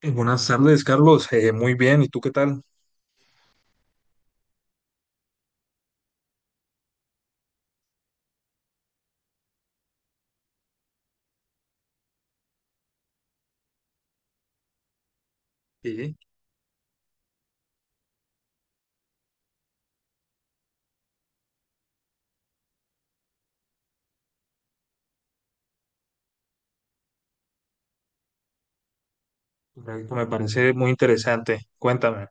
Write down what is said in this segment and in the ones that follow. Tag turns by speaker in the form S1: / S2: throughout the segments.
S1: Buenas tardes, Carlos. Muy bien, ¿y tú qué tal? Sí, correcto, me parece muy interesante. Cuéntame.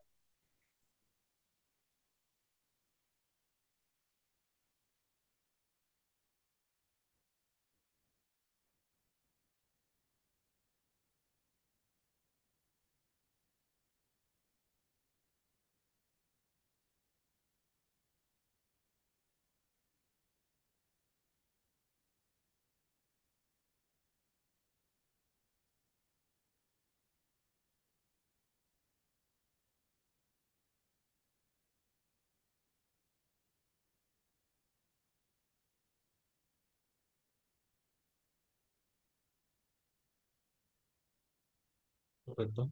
S1: Correcto.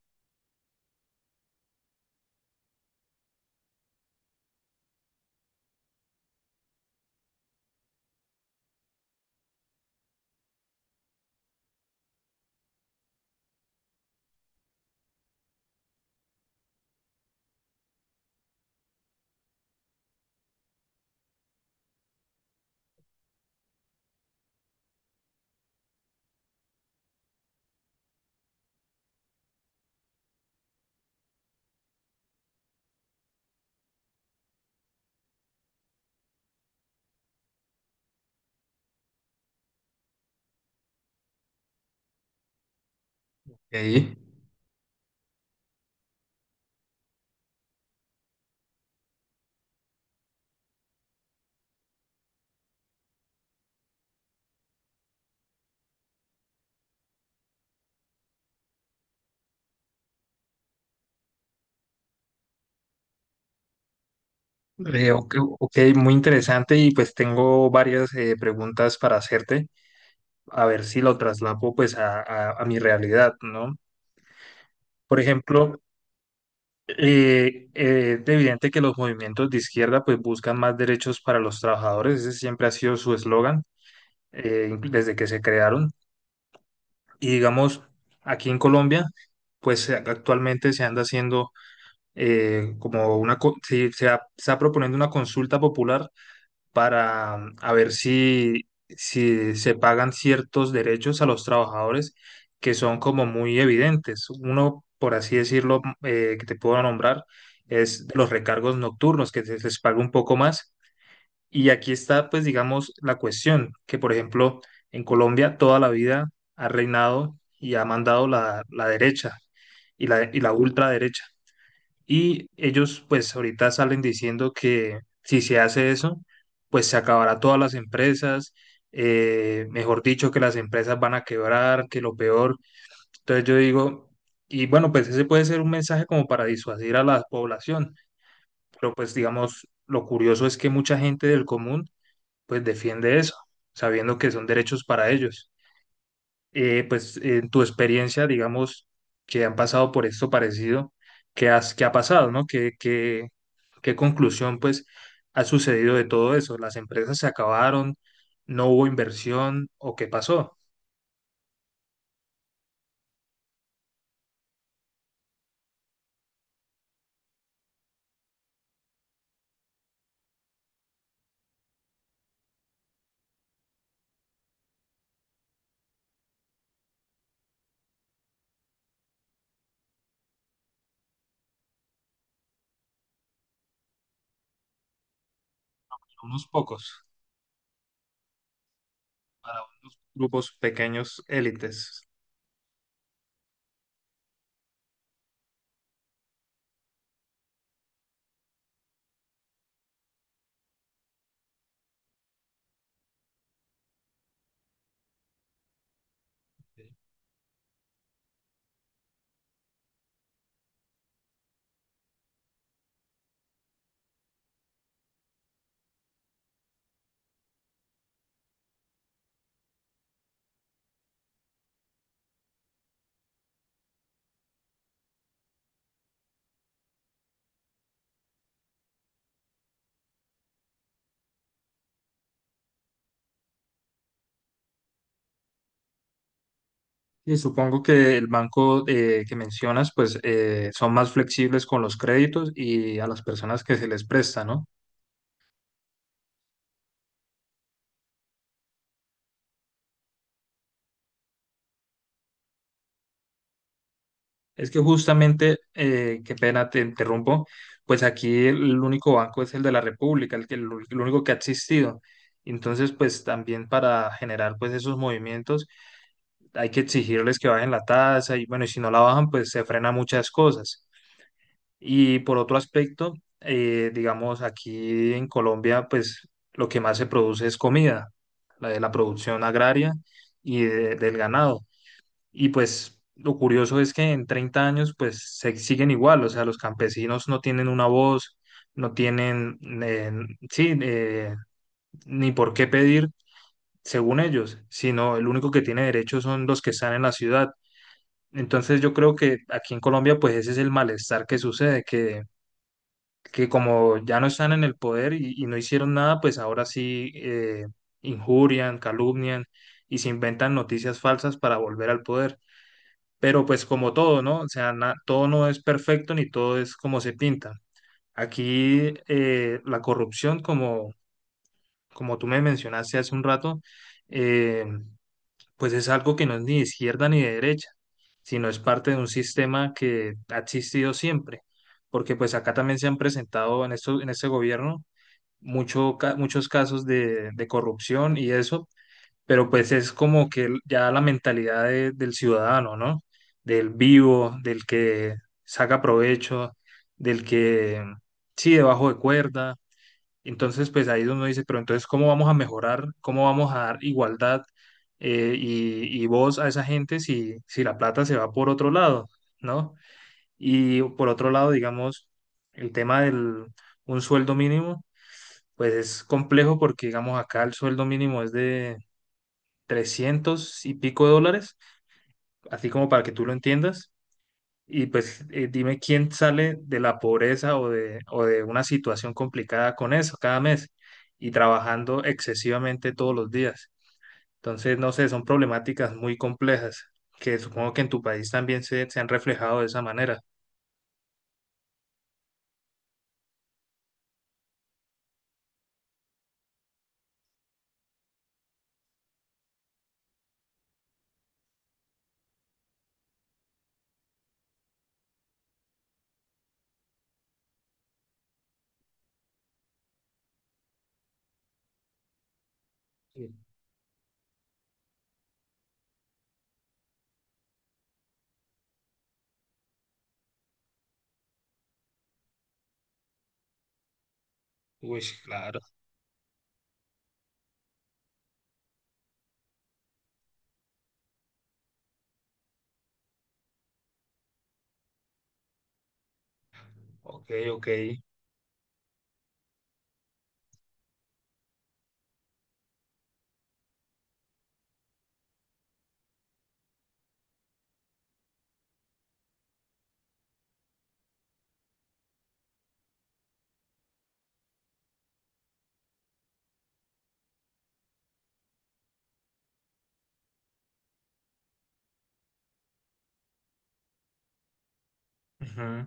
S1: Sí. Ok, ok, muy interesante, y pues tengo varias preguntas para hacerte, a ver si lo traslapo pues a mi realidad, ¿no? Por ejemplo, es evidente que los movimientos de izquierda pues buscan más derechos para los trabajadores, ese siempre ha sido su eslogan desde que se crearon. Y digamos, aquí en Colombia, pues actualmente se anda haciendo como se se está proponiendo una consulta popular para a ver si se pagan ciertos derechos a los trabajadores que son como muy evidentes. Uno, por así decirlo, que te puedo nombrar, es los recargos nocturnos, que se les paga un poco más. Y aquí está, pues, digamos, la cuestión, que por ejemplo, en Colombia toda la vida ha reinado y ha mandado la derecha y la ultraderecha. Y ellos, pues, ahorita salen diciendo que si se hace eso, pues se acabará todas las empresas, mejor dicho, que las empresas van a quebrar, que lo peor. Entonces yo digo, y bueno, pues ese puede ser un mensaje como para disuadir a la población, pero pues digamos, lo curioso es que mucha gente del común pues defiende eso, sabiendo que son derechos para ellos. Pues en tu experiencia, digamos, que han pasado por esto parecido, ¿qué, has, qué ha pasado, no? ¿Qué conclusión, pues, ha sucedido de todo eso? ¿Las empresas se acabaron? ¿No hubo inversión? ¿O qué pasó? Unos pocos, para grupos pequeños, élites. Y supongo que el banco que mencionas, pues son más flexibles con los créditos y a las personas que se les presta, ¿no? Es que justamente, qué pena te interrumpo, pues aquí el único banco es el de la República, el el único que ha existido. Entonces, pues también para generar pues esos movimientos hay que exigirles que bajen la tasa y bueno, y si no la bajan, pues se frena muchas cosas. Y por otro aspecto, digamos, aquí en Colombia, pues lo que más se produce es comida, la de la producción agraria y del ganado. Y pues lo curioso es que en 30 años pues se siguen igual, o sea, los campesinos no tienen una voz, no tienen, sí, eh, ni por qué pedir según ellos, sino el único que tiene derecho son los que están en la ciudad. Entonces yo creo que aquí en Colombia pues ese es el malestar que sucede, que como ya no están en el poder y no hicieron nada, pues ahora sí injurian, calumnian y se inventan noticias falsas para volver al poder. Pero pues como todo, ¿no? O sea, todo no es perfecto ni todo es como se pinta. Aquí la corrupción, como, como tú me mencionaste hace un rato, eh, pues es algo que no es ni de izquierda ni de derecha, sino es parte de un sistema que ha existido siempre. Porque pues acá también se han presentado en esto, en este gobierno muchos casos de corrupción y eso, pero pues es como que ya la mentalidad del ciudadano, ¿no? Del vivo, del que saca provecho, del que sí, debajo de cuerda. Entonces, pues ahí es donde uno dice, pero entonces, ¿cómo vamos a mejorar? ¿Cómo vamos a dar igualdad y voz a esa gente si, si la plata se va por otro lado, ¿no? Y por otro lado, digamos, el tema del un sueldo mínimo, pues es complejo porque, digamos, acá el sueldo mínimo es de 300 y pico de dólares, así como para que tú lo entiendas. Y pues dime quién sale de la pobreza o de una situación complicada con eso cada mes y trabajando excesivamente todos los días. Entonces, no sé, son problemáticas muy complejas que supongo que en tu país también se han reflejado de esa manera. Sí. Uy, claro. Ok, ok. Ujú.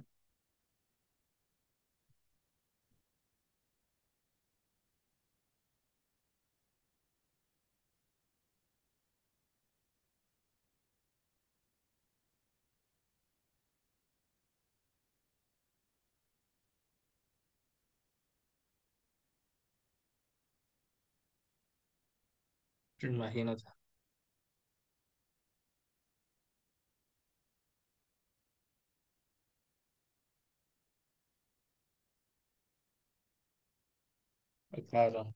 S1: Imagínate. Claro.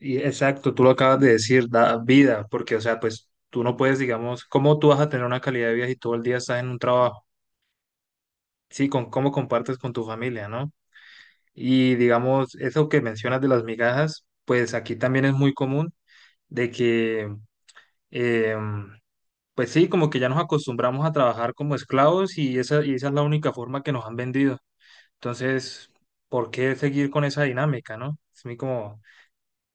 S1: Y exacto, tú lo acabas de decir, da vida, porque, o sea, pues tú no puedes, digamos, ¿cómo tú vas a tener una calidad de vida si todo el día estás en un trabajo? Sí, con cómo compartes con tu familia, ¿no? Y, digamos, eso que mencionas de las migajas, pues aquí también es muy común de que, eh, pues sí, como que ya nos acostumbramos a trabajar como esclavos y esa es la única forma que nos han vendido. Entonces, ¿por qué seguir con esa dinámica, no? Es mi como,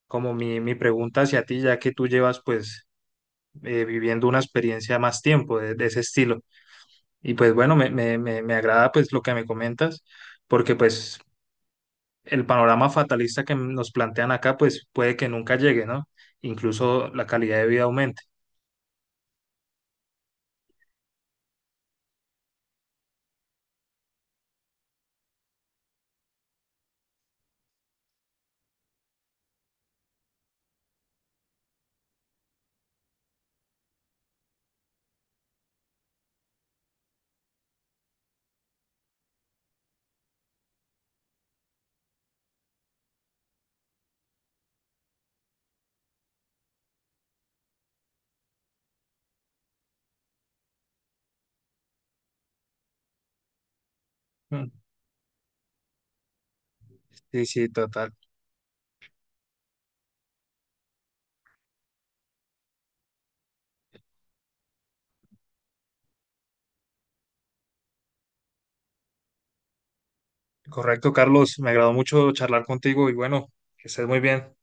S1: como mi pregunta hacia ti, ya que tú llevas, pues viviendo una experiencia más tiempo de ese estilo. Y pues bueno, me agrada pues lo que me comentas, porque pues el panorama fatalista que nos plantean acá pues puede que nunca llegue, ¿no? Incluso la calidad de vida aumente. Mm. Sí, sí, total. Correcto, Carlos, me agradó mucho charlar contigo y bueno, que estés muy bien.